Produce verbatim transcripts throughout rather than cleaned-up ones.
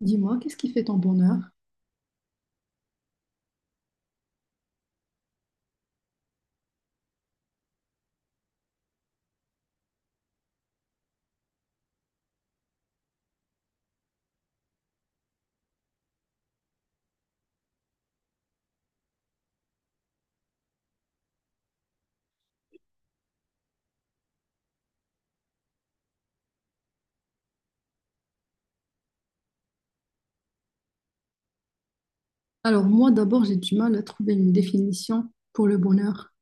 Dis-moi, qu'est-ce qui fait ton bonheur? Alors moi, d'abord, j'ai du mal à trouver une définition pour le bonheur.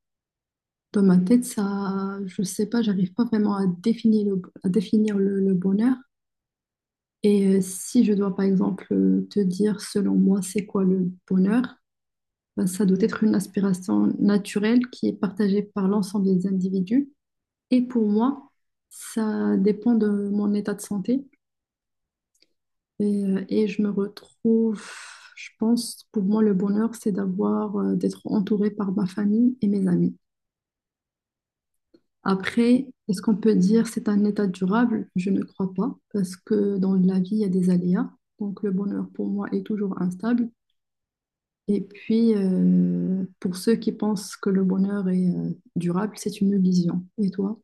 Dans ma tête, ça, je sais pas, j'arrive pas vraiment à définir le, à définir le, le bonheur. Et euh, si je dois, par exemple, euh, te dire, selon moi, c'est quoi le bonheur? Ben, ça doit être une aspiration naturelle qui est partagée par l'ensemble des individus. Et pour moi, ça dépend de mon état de santé. Et, euh, et je me retrouve, je pense, pour moi, le bonheur, c'est d'avoir, euh, d'être entouré par ma famille et mes amis. Après, est-ce qu'on peut dire c'est un état durable? Je ne crois pas, parce que dans la vie, il y a des aléas. Donc, le bonheur, pour moi, est toujours instable. Et puis, euh, pour ceux qui pensent que le bonheur est euh, durable, c'est une illusion. Et toi?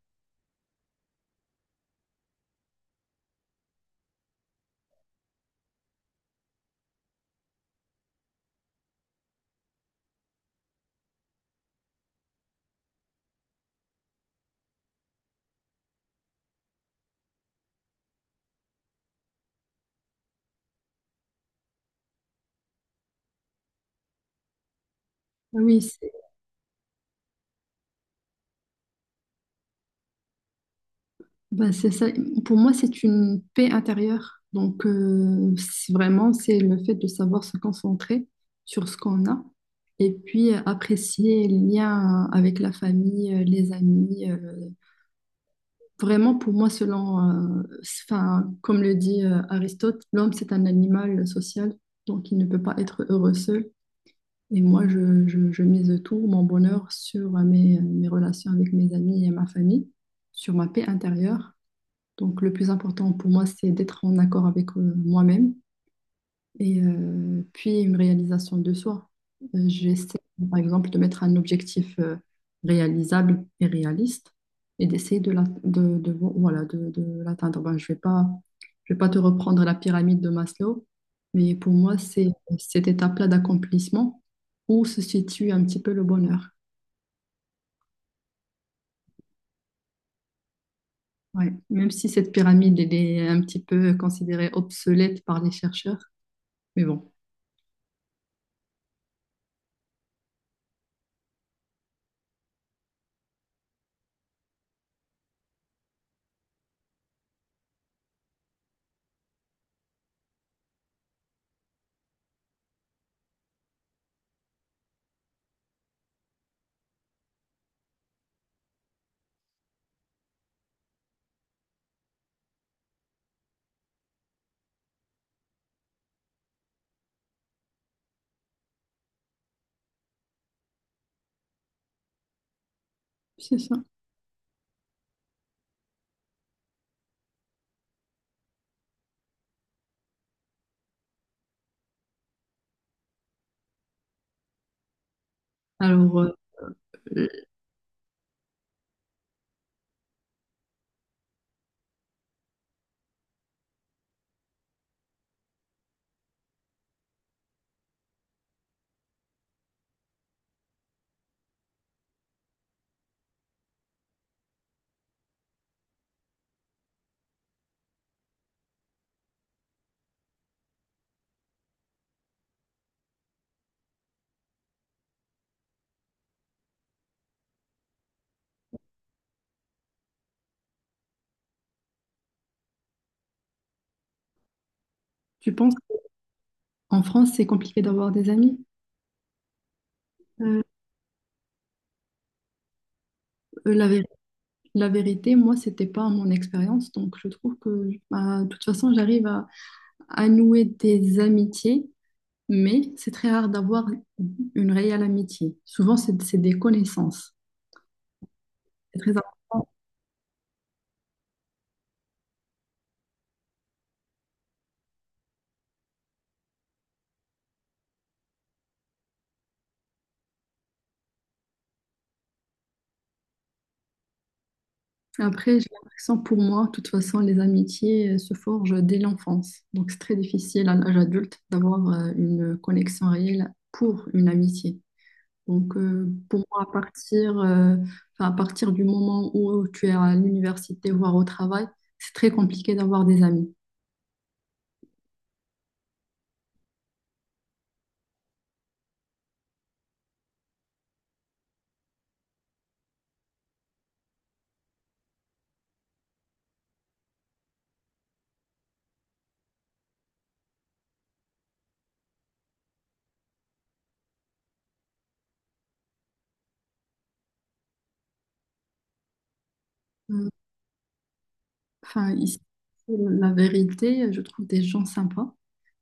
Ah oui. Ben, c'est ça. Pour moi, c'est une paix intérieure. Donc, euh, c'est vraiment, c'est le fait de savoir se concentrer sur ce qu'on a et puis euh, apprécier les liens euh, avec la famille, euh, les amis. euh. Vraiment, pour moi, selon, euh, enfin, comme le dit euh, Aristote, l'homme, c'est un animal social, donc il ne peut pas être heureux seul. Et moi, je, je, je mise tout mon bonheur sur euh, mes, mes relations avec mes amis et ma famille, sur ma paix intérieure. Donc, le plus important pour moi, c'est d'être en accord avec euh, moi-même et euh, puis une réalisation de soi. Euh, j'essaie, par exemple, de mettre un objectif euh, réalisable et réaliste et d'essayer de, la- de, de- voilà, de, de l'atteindre. Ben, je vais pas, je vais pas te reprendre la pyramide de Maslow, mais pour moi, c'est cette étape-là d'accomplissement où se situe un petit peu le bonheur. Ouais. Même si cette pyramide, elle est un petit peu considérée obsolète par les chercheurs, mais bon, c'est ça. Alors, euh, euh, tu penses qu'en France, c'est compliqué d'avoir des amis? Euh, euh, la, vé- la vérité, moi, c'était pas mon expérience, donc je trouve que, bah, de toute façon, j'arrive à, à nouer des amitiés, mais c'est très rare d'avoir une réelle amitié. Souvent, c'est c'est des connaissances. C'est très important. Après, j'ai l'impression, pour moi, de toute façon, les amitiés euh, se forgent dès l'enfance, donc c'est très difficile à l'âge adulte d'avoir euh, une connexion réelle pour une amitié. Donc, euh, pour moi, à partir, euh, enfin, à partir du moment où tu es à l'université, voire au travail, c'est très compliqué d'avoir des amis. Euh, Enfin, ici, la vérité, je trouve des gens sympas,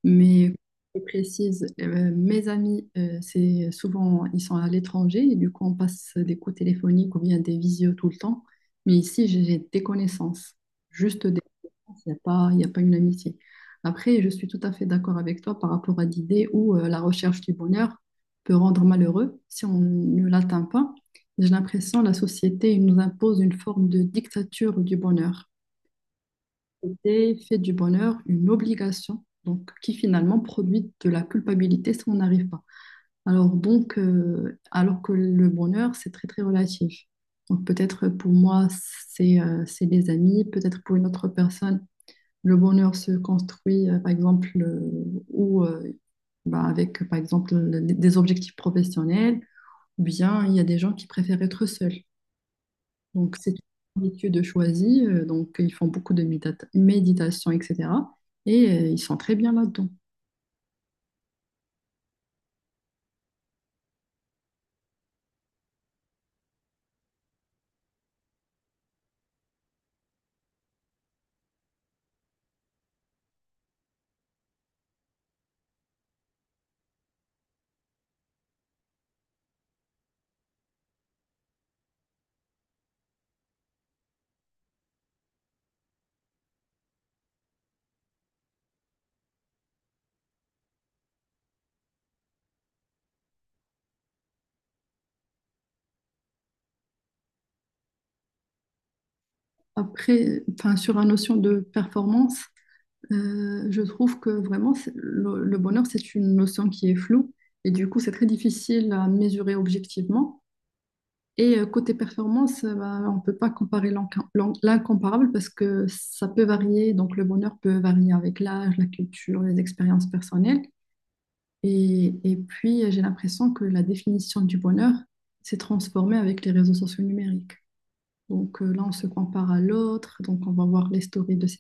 mais je précise, euh, mes amis, euh, c'est souvent, ils sont à l'étranger et du coup, on passe des coups téléphoniques ou bien des visios tout le temps. Mais ici, j'ai j'ai des connaissances, juste des connaissances, il n'y a pas, il y a pas une amitié. Après, je suis tout à fait d'accord avec toi par rapport à l'idée où euh, la recherche du bonheur peut rendre malheureux si on ne l'atteint pas. J'ai l'impression que la société nous impose une forme de dictature du bonheur. C'était fait du bonheur une obligation, donc qui finalement produit de la culpabilité si on n'arrive pas. Alors donc, euh, alors que le bonheur, c'est très très relatif. Donc peut-être pour moi, c'est euh, c'est des amis, peut-être pour une autre personne, le bonheur se construit euh, par exemple euh, ou euh, bah, avec par exemple le- des objectifs professionnels, ou bien il y a des gens qui préfèrent être seuls. Donc, c'est une étude choisie. Euh, donc, ils font beaucoup de médita- méditation, et cetera. Et euh, ils sont très bien là-dedans. Après, enfin, sur la notion de performance, euh, je trouve que vraiment, c'est- le, le bonheur, c'est une notion qui est floue. Et du coup, c'est très difficile à mesurer objectivement. Et euh, côté performance, euh, bah, on ne peut pas comparer l'enca- l'en- l'incomparable parce que ça peut varier. Donc, le bonheur peut varier avec l'âge, la culture, les expériences personnelles. Et, et puis, euh, j'ai l'impression que la définition du bonheur s'est transformée avec les réseaux sociaux numériques. Donc euh, là, on se compare à l'autre, donc on va voir les stories de ses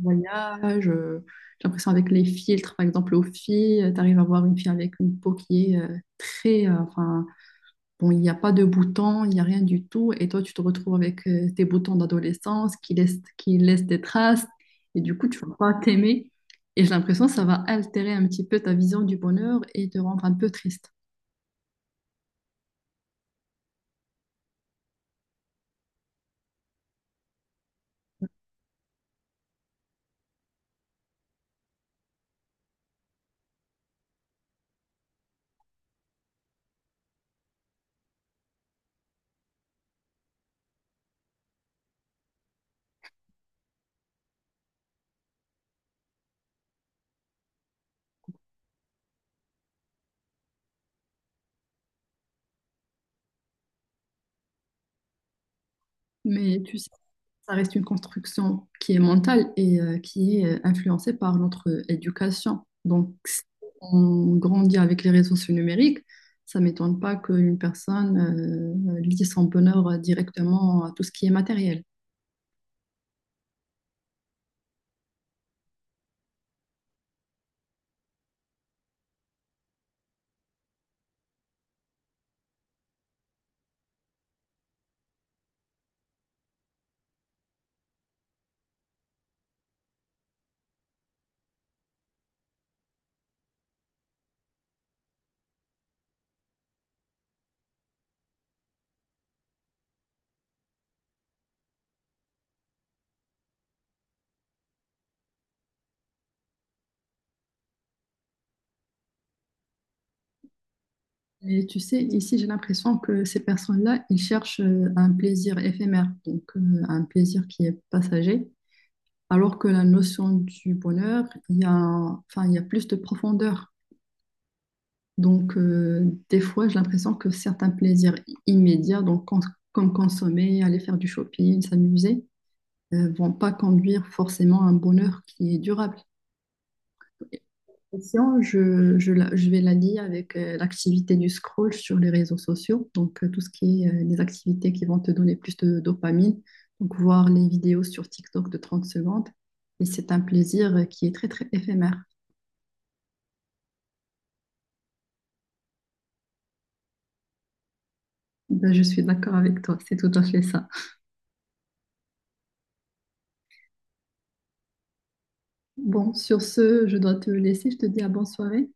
voyages. euh, J'ai l'impression avec les filtres, par exemple, aux filles, tu arrives à voir une fille avec une peau qui est euh, très, euh, enfin, Bon, il n'y a pas de boutons, il n'y a rien du tout. Et toi, tu te retrouves avec euh, tes boutons d'adolescence qui laissent, qui laissent des traces. Et du coup, tu ne vas pas t'aimer. Et j'ai l'impression que ça va altérer un petit peu ta vision du bonheur et te rendre un peu triste. Mais tu sais, ça reste une construction qui est mentale et euh, qui est euh, influencée par notre euh, éducation. Donc, si on grandit avec les réseaux sociaux numériques, ça ne m'étonne pas qu'une personne euh, lie son bonheur directement à tout ce qui est matériel. Mais tu sais, ici, j'ai l'impression que ces personnes-là, ils cherchent euh, un plaisir éphémère, donc euh, un plaisir qui est passager, alors que la notion du bonheur, il y a, un- enfin, il y a plus de profondeur. Donc, euh, des fois, j'ai l'impression que certains plaisirs immédiats, donc cons- comme consommer, aller faire du shopping, s'amuser, ne vont pas conduire forcément à un bonheur qui est durable. Question, je, je la- je vais la lier avec euh, l'activité du scroll sur les réseaux sociaux. Donc, euh, tout ce qui est euh, des activités qui vont te donner plus de dopamine. Donc, voir les vidéos sur TikTok de trente secondes. Et c'est un plaisir euh, qui est très, très éphémère. Ben, je suis d'accord avec toi. C'est tout à fait ça. Bon, sur ce, je dois te laisser. Je te dis à bonne soirée.